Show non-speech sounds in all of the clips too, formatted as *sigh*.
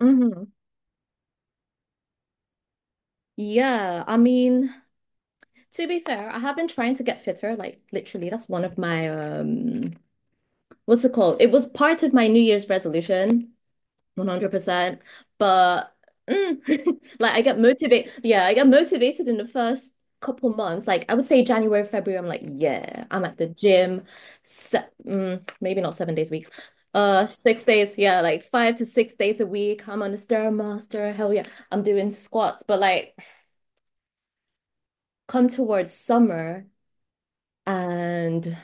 Hmm. Yeah, I mean, to be fair, I have been trying to get fitter. Like literally, that's one of my what's it called? It was part of my New Year's resolution, 100%. But *laughs* like I get motivated. Yeah, I get motivated in the first couple months. Like I would say January, February, I'm like, yeah, I'm at the gym. Se Maybe not 7 days a week. 6 days, yeah, like 5 to 6 days a week. I'm on the Stairmaster. Hell yeah, I'm doing squats. But like come towards summer and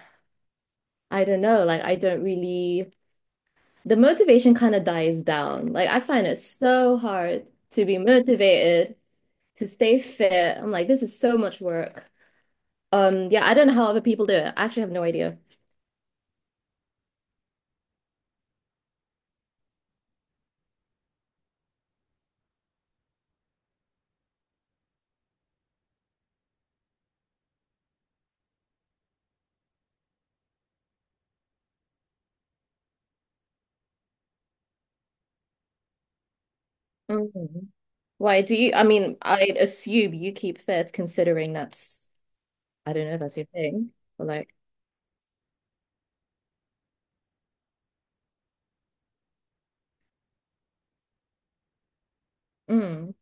I don't know, like I don't really the motivation kind of dies down. Like I find it so hard to be motivated, to stay fit. I'm like, this is so much work. Yeah, I don't know how other people do it. I actually have no idea. Mhm. Why do you, I mean, I assume you keep fit considering that's, I don't know if that's your thing, but like, mm,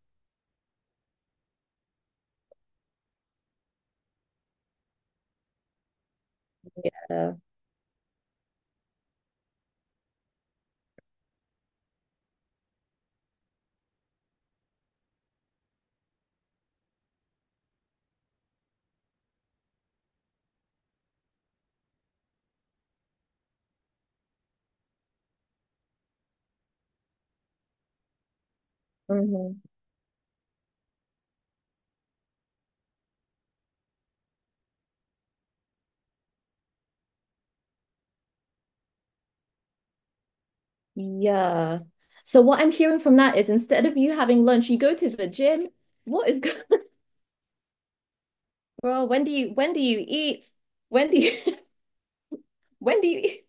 yeah. Yeah. So what I'm hearing from that is instead of you having lunch, you go to the gym. What is going *laughs* Bro, when do you eat? When do you *laughs* when do you eat?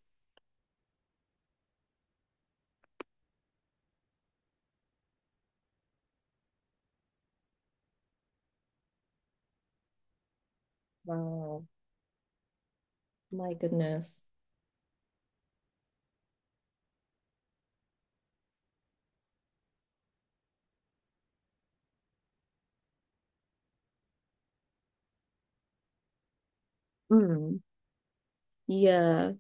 Wow. My goodness. Mm. Yeah.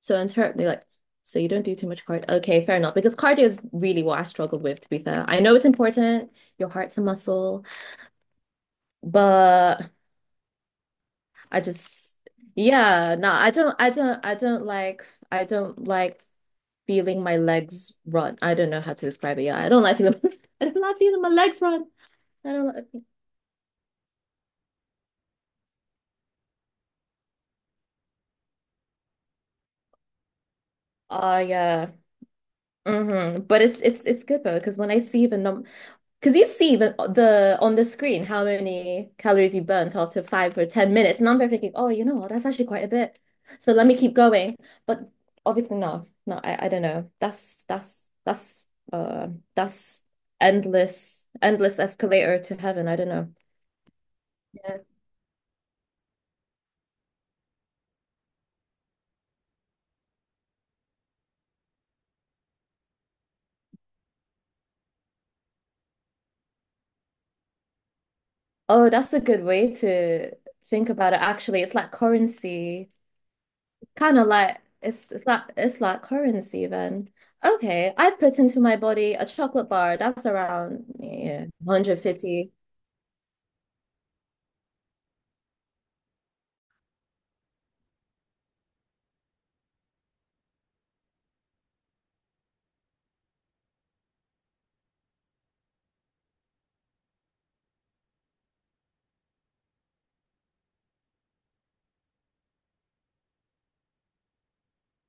So interpret like so you don't do too much cardio. Okay, fair enough. Because cardio is really what I struggled with, to be fair. I know it's important, your heart's a muscle, but I just yeah, no, I don't I don't I don't like feeling my legs run. I don't know how to describe it. Yeah, I don't like feeling *laughs* I don't like feeling my legs run. I don't like. Oh yeah. Hmm. But it's good though because when I see the num because you see the on the screen how many calories you burnt after 5 or 10 minutes and I'm there thinking, oh, you know what, that's actually quite a bit, so let me keep going, but obviously no I, I don't know, uh that's endless escalator to heaven, I don't know. Yeah. Oh, that's a good way to think about it. Actually, it's like currency, kind of like it's like currency then. Okay, I put into my body a chocolate bar. That's around yeah, 150.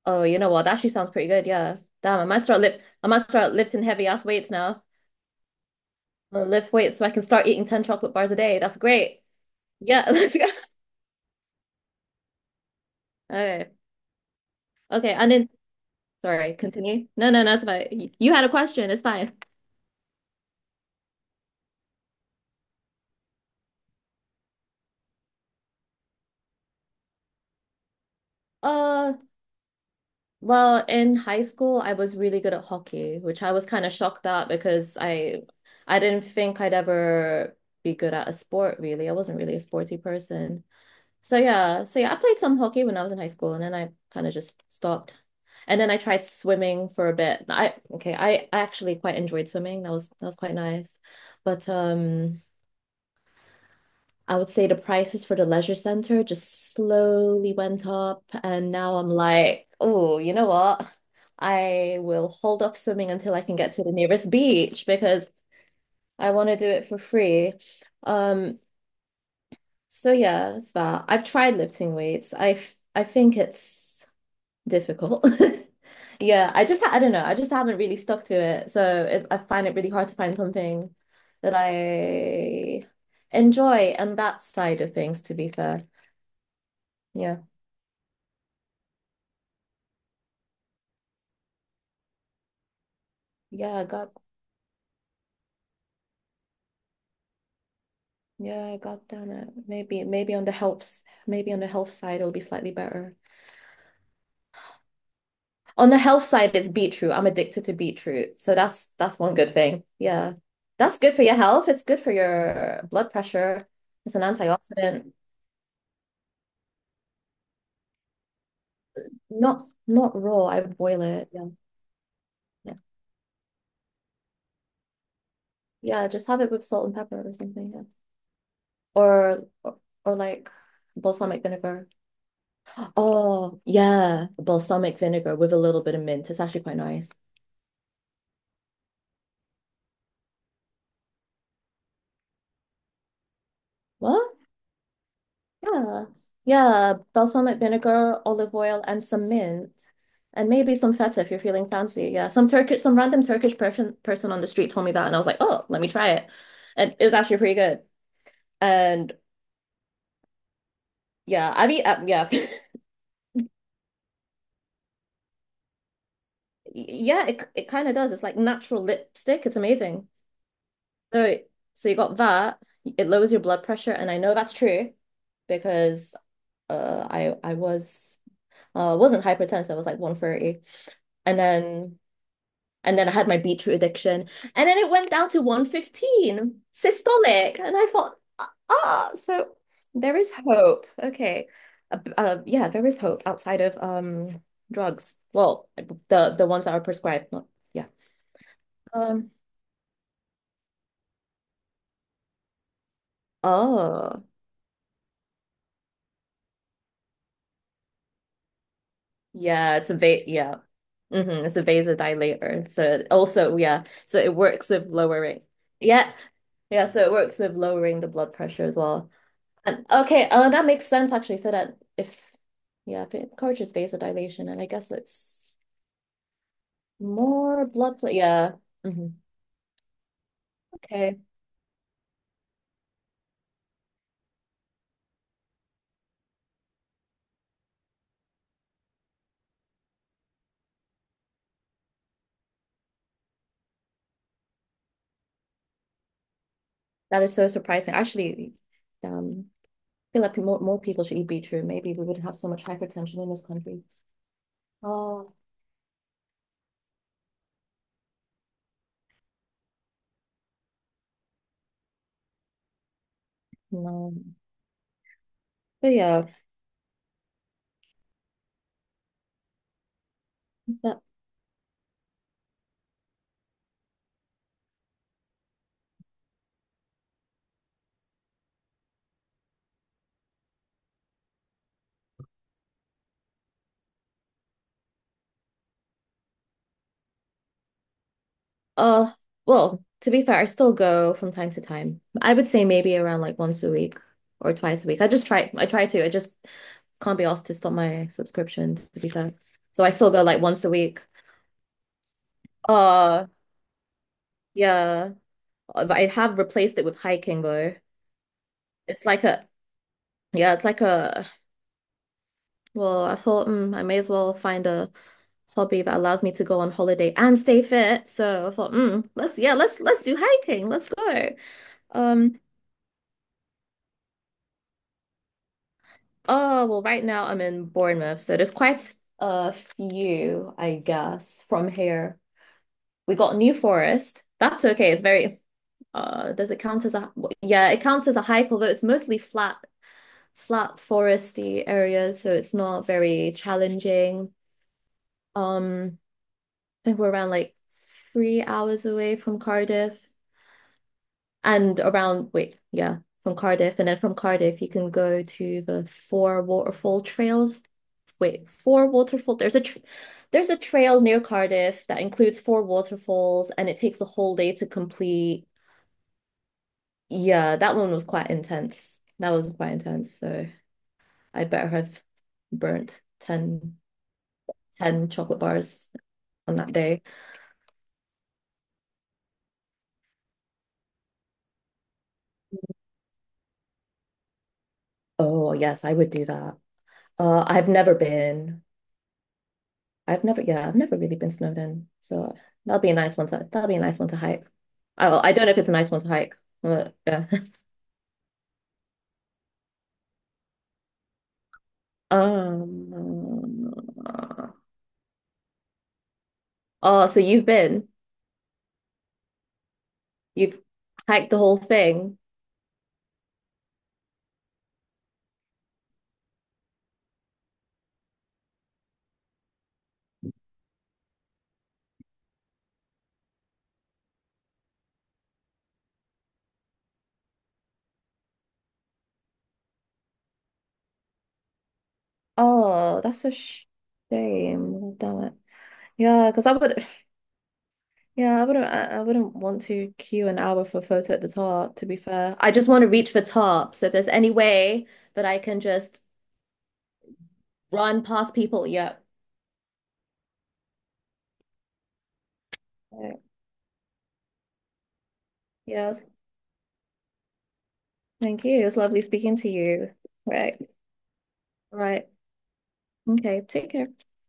Oh, you know what? That actually sounds pretty good. Yeah. Damn, I might start lifting heavy ass weights now. I'll lift weights so I can start eating 10 chocolate bars a day. That's great. Yeah, *laughs* let's go. Okay. Okay, and then sorry, continue. No, no, no, it's fine. You had a question. It's fine. Uh, Well, in high school, I was really good at hockey, which I was kind of shocked at because I didn't think I'd ever be good at a sport, really. I wasn't really a sporty person. So yeah, I played some hockey when I was in high school and then I kind of just stopped. And then I tried swimming for a bit. I actually quite enjoyed swimming. That was quite nice. But I would say the prices for the leisure center just slowly went up. And now I'm like, oh, you know what? I will hold off swimming until I can get to the nearest beach because I want to do it for free. Um, so yeah, it's that. I've tried lifting weights. I think it's difficult. *laughs* Yeah, I just I don't know. I just haven't really stuck to it. So it, I find it really hard to find something that I enjoy and that side of things, to be fair. Yeah. Yeah, I got yeah, I got down it. Maybe on the health side it'll be slightly better. On the health side, it's beetroot. I'm addicted to beetroot. So that's one good thing. Yeah. That's good for your health. It's good for your blood pressure. It's an antioxidant. Not not raw. I would boil it. Yeah. Yeah. Yeah, just have it with salt and pepper or something. Yeah. Or or, or like balsamic vinegar. Oh, yeah, balsamic vinegar with a little bit of mint. It's actually quite nice. What? Yeah, yeah, balsamic vinegar, olive oil, and some mint, and maybe some feta if you're feeling fancy. Yeah, some Turkish, some random Turkish person on the street told me that, and I was like, oh, let me try it, and it was actually pretty good. And yeah, I mean, yeah, *laughs* yeah, it kind of does. It's like natural lipstick. It's amazing. So so you got that. It lowers your blood pressure, and I know that's true because I was wasn't hypertensive. I was like 130, and then. And then I had my beetroot addiction. And then it went down to 115 systolic. And I thought, ah, ah, so there is hope. Okay. Yeah, there is hope outside of drugs. Well, the ones that are prescribed, not yeah. Um, oh, yeah, it's a va yeah. Hmm. It's a vasodilator. So it also, yeah. So it works with lowering. Yeah. Yeah, so it works with lowering the blood pressure as well. Okay, that makes sense actually. So that if, yeah, if it encourages vasodilation, and I guess it's more blood flow. Yeah. Hmm. Okay, that is so surprising. Actually, um, I feel like more people should eat beetroot. Maybe we wouldn't have so much hypertension in this country. Oh no, but yeah, that, uh, well, to be fair, I still go from time to time. I would say maybe around like once a week or twice a week. I just try. I try to. I just can't be asked to stop my subscription, to be fair. So I still go like once a week. Uh, yeah. But I have replaced it with hiking though. It's like a, yeah, it's like a, well, I thought I may as well find a hobby that allows me to go on holiday and stay fit. So I thought, let's, yeah, let's do hiking. Let's go. Um, oh, well, right now I'm in Bournemouth. So there's quite a few, I guess, from here. We got New Forest. That's okay. It's very, does it count as a? Yeah, it counts as a hike, although it's mostly flat, flat foresty areas, so it's not very challenging. Um, I think we're around like 3 hours away from Cardiff and around, wait, yeah, from Cardiff. And then from Cardiff, you can go to the four waterfall trails. Wait, four waterfall. There's a tr there's a trail near Cardiff that includes 4 waterfalls, and it takes a whole day to complete. Yeah, that one was quite intense. That was quite intense. So I better have burnt 10 10 chocolate bars on that day. Oh, yes, I would do that. I've never been. I've never really been snowed in. So that'll be a nice one to hike. I, well, I don't know if it's a nice one to hike, but yeah. *laughs* Um, oh, so you've been, you've hiked the whole thing. Oh, that's a shame. Damn it. Yeah, because I would. Yeah, I wouldn't want to queue an hour for a photo at the top, to be fair. I just want to reach the top. So if there's any way that I can just run past people, yeah. Right. Yeah, it was- thank you. It was lovely speaking to you. Right. Right. Okay, take care.